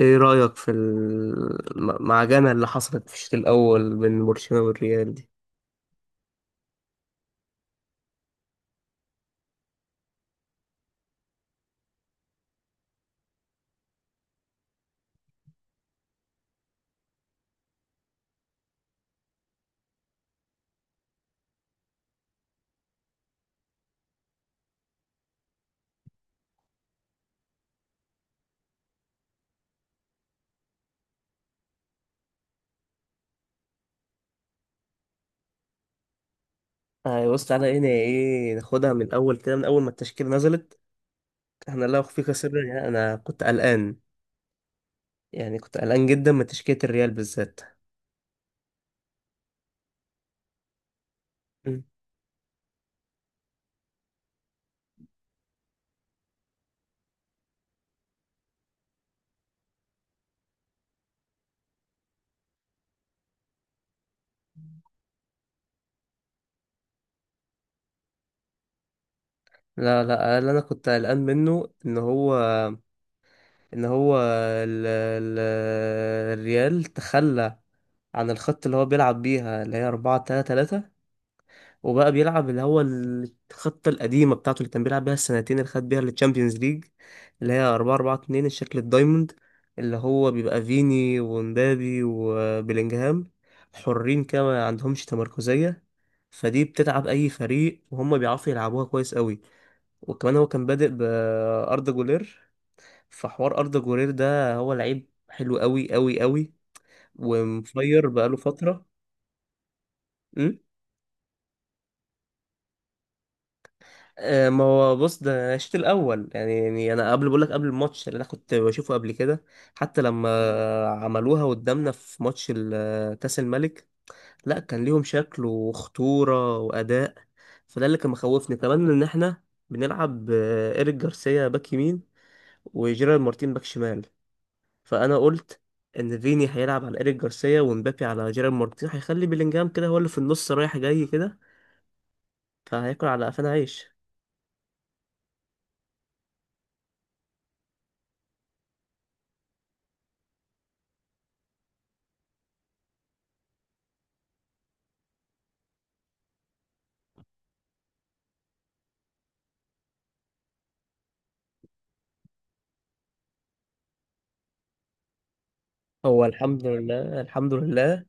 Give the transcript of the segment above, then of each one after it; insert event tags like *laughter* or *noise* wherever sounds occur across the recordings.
ايه رأيك في المعجنة اللي حصلت في الشوط الأول بين برشلونة والريال دي؟ آه، بص تعالى هنا ايه، ناخدها من الأول كده من أول ما التشكيلة نزلت. احنا لا أخفيك سرا يعني أنا كنت قلقان، يعني كنت قلقان جدا من تشكيلة الريال بالذات. مم. لا لا، اللي أنا كنت قلقان منه إن هو ال... ال... الريال تخلى عن الخط اللي هو بيلعب بيها اللي هي 4 3 3، وبقى بيلعب اللي هو الخطة القديمة بتاعته اللي كان بيلعب بيها السنتين اللي خد بيها التشامبيونز ليج، اللي هي 4 4 2 الشكل الدايموند، اللي هو بيبقى فيني ومبابي وبيلينجهام حرين كده ما عندهمش تمركزية. فدي بتتعب أي فريق وهم بيعرفوا يلعبوها كويس قوي. وكمان هو كان بادئ بأردا جولير، فحوار أردا جولير ده هو لعيب حلو قوي قوي قوي، ومفير بقاله فترة. ما هو بص ده أنا الشوط الاول يعني، انا قبل بقول لك، قبل الماتش اللي انا كنت بشوفه قبل كده، حتى لما عملوها قدامنا في ماتش كاس الملك، لا كان ليهم شكل وخطوره واداء. فده اللي كان مخوفني كمان ان احنا بنلعب ايريك جارسيا باك يمين وجيرارد مارتين باك شمال. فانا قلت ان فيني هيلعب على ايريك جارسيا ومبابي على جيرارد مارتين، هيخلي بيلينجهام كده هو اللي في النص رايح جاي كده، فهياكل على قفانا عيش. هو الحمد لله، الحمد لله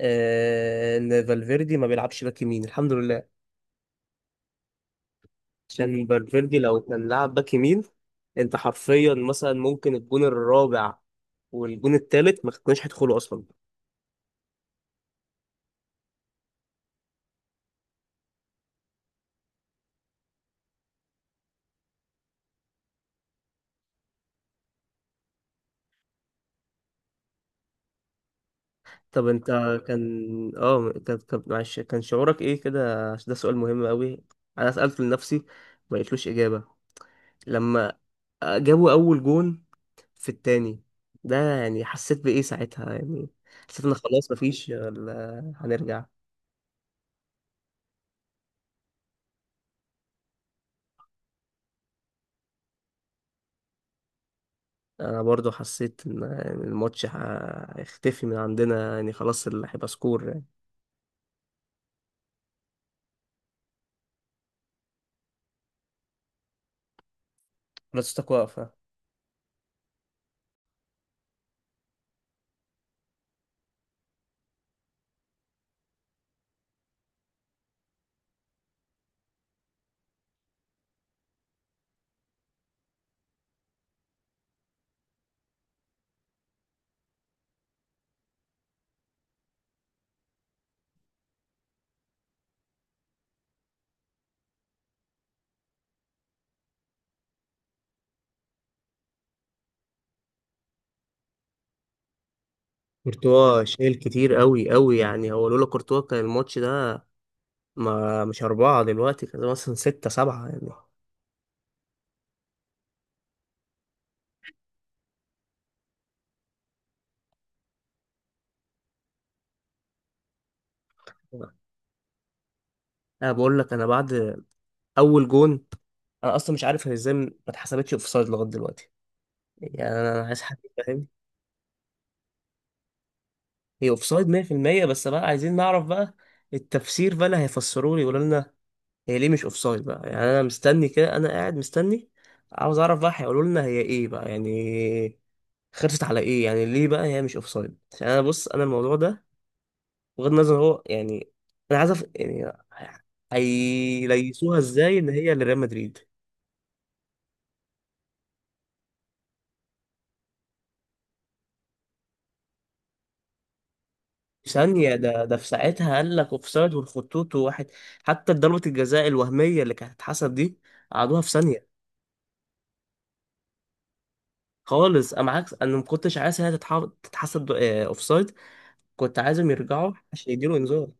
ان فالفيردي ما بيلعبش باك يمين، الحمد لله، عشان فالفيردي لو كان لعب باك يمين، انت حرفيا مثلا ممكن الجون الرابع والجون التالت ما كناش هيدخلوا اصلا. طب انت كان، طب معلش، كان شعورك ايه كده؟ عشان ده سؤال مهم قوي، انا سألته لنفسي ما لقيتلوش اجابة. لما جابوا اول جون في التاني، ده يعني حسيت بايه ساعتها يعني؟ حسيت ان خلاص مفيش ولا هنرجع؟ انا برضو حسيت ان الماتش هيختفي من عندنا، يعني خلاص اللي هيبقى سكور يعني بلاستيك واقفه. كورتوا شايل كتير قوي قوي، يعني هو لولا كورتوا كان الماتش ده ما مش أربعة دلوقتي، كان مثلا ستة سبعة يعني. أنا بقول لك، أنا بعد أول جون أنا أصلا مش عارف هي إزاي ما اتحسبتش أوفسايد لغاية دلوقتي. يعني أنا عايز حد يفهم، هي أوفسايد 100%، بس بقى عايزين نعرف بقى التفسير بقى، اللي هيفسروا لي يقولوا لنا هي ليه مش اوفسايد بقى، يعني انا مستني كده، انا قاعد مستني، عاوز اعرف بقى هيقولوا لنا هي ايه بقى يعني، خرجت على ايه يعني، ليه بقى هي مش اوفسايد؟ عشان انا بص، انا الموضوع ده بغض النظر هو يعني، انا عايز يعني هيليسوها ازاي ان هي لريال مدريد. ثانية، ده في ساعتها قال لك اوفسايد والخطوط وواحد، حتى ضربة الجزاء الوهمية اللي كانت هتتحسب دي قعدوها في ثانية خالص. انا عكس، انا ما كنتش عايز هي تتحسب اوفسايد، كنت عايزهم يرجعوا عشان يديله انذار.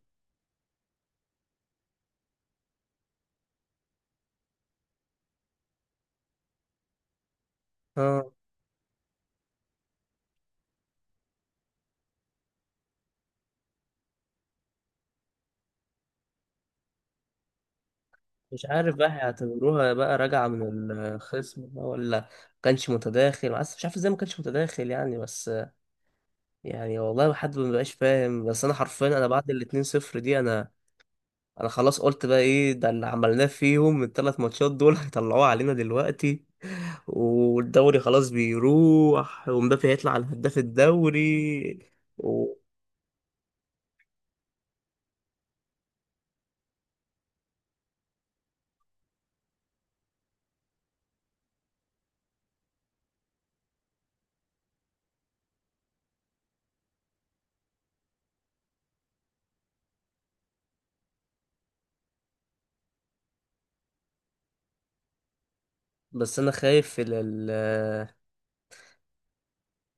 اه مش عارف بقى، هيعتبروها بقى راجعة من الخصم بقى ولا كانش متداخل؟ بس مش عارف ازاي ما كانش متداخل يعني، بس يعني والله حد ما بقاش فاهم. بس انا حرفيا انا بعد الاتنين صفر دي، انا خلاص قلت بقى ايه ده اللي عملناه فيهم الثلاث ماتشات دول؟ *laughs* هيطلعوه علينا دلوقتي، والدوري خلاص بيروح ومبابي هيطلع على هداف الدوري و... بس انا خايف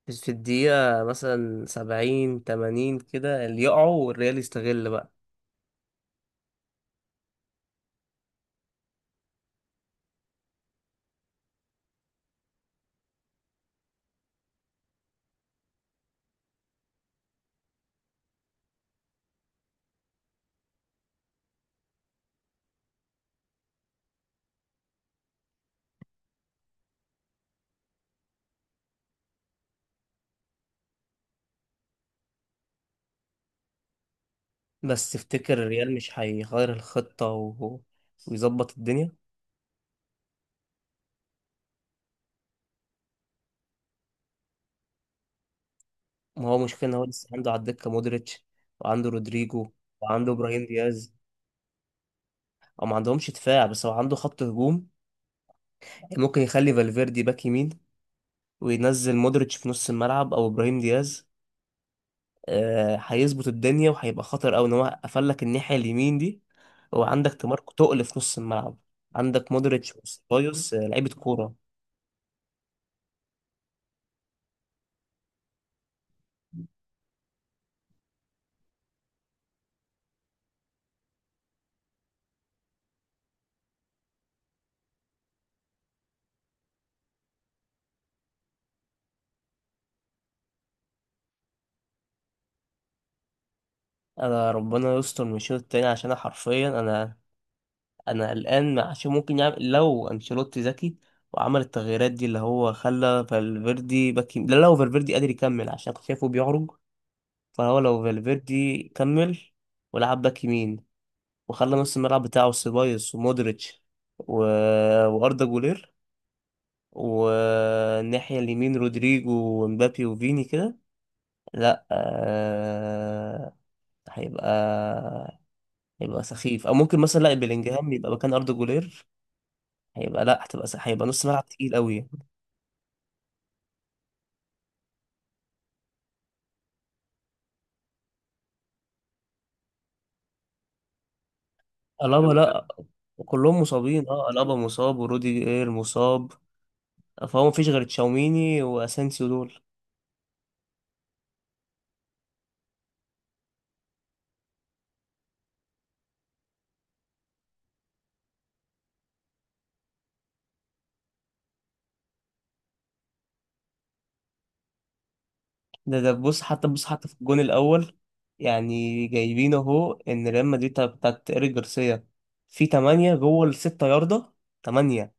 في الدقيقة مثلا سبعين تمانين كده اللي يقعوا والريال يستغل بقى. بس تفتكر الريال مش هيغير الخطة و... ويظبط الدنيا؟ ما هو مشكلة ان هو لسه عنده على الدكة مودريتش، وعنده رودريجو، وعنده ابراهيم دياز. او ما عندهمش دفاع، بس هو عنده خط هجوم. يعني ممكن يخلي فالفيردي باك يمين وينزل مودريتش في نص الملعب او ابراهيم دياز. هيظبط الدنيا وهيبقى خطر قوي ان هو قفل لك الناحيه اليمين دي، وعندك تماركو تقل في نص الملعب. عندك مودريتش وسيبايوس، لعيبه كوره. انا ربنا يستر من الشوط التاني، عشان انا حرفيا انا قلقان عشان ممكن يعمل، لو انشيلوتي ذكي وعمل التغييرات دي اللي هو خلى فالفيردي باك لا، لو فالفيردي قادر يكمل، عشان كنت شايفه بيعرج، فهو لو فالفيردي كمل ولعب باك يمين، وخلى نص الملعب بتاعه سيبايوس ومودريتش و... واردا جولير، والناحية اليمين رودريجو ومبابي وفيني كده، لا هيبقى، هيبقى سخيف. او ممكن مثلا لا، بلينجهام يبقى مكان اردا جولير، هيبقى لا، هتبقى هيبقى نص ملعب تقيل قوي. الابا لا، كلهم مصابين، اه، الابا مصاب وروديجر مصاب، فهو مفيش غير تشاوميني واسانسيو دول. ده بص، حتى في الجون الاول، يعني جايبين اهو ان ريال مدريد بتاعت ايريك جارسيا في 8 جوه الستة ياردة، 8،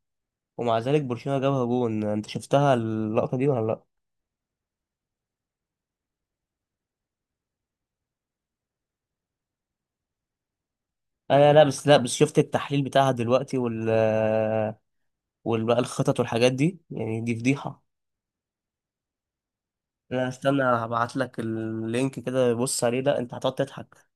ومع ذلك برشلونة جابها جون. انت شفتها اللقطة دي ولا لا؟ انا لا، بس شفت التحليل بتاعها دلوقتي وال بقى الخطط والحاجات دي، يعني دي فضيحة. لا استنى هبعت لك اللينك كده، بص عليه، لا انت هتقعد تضحك.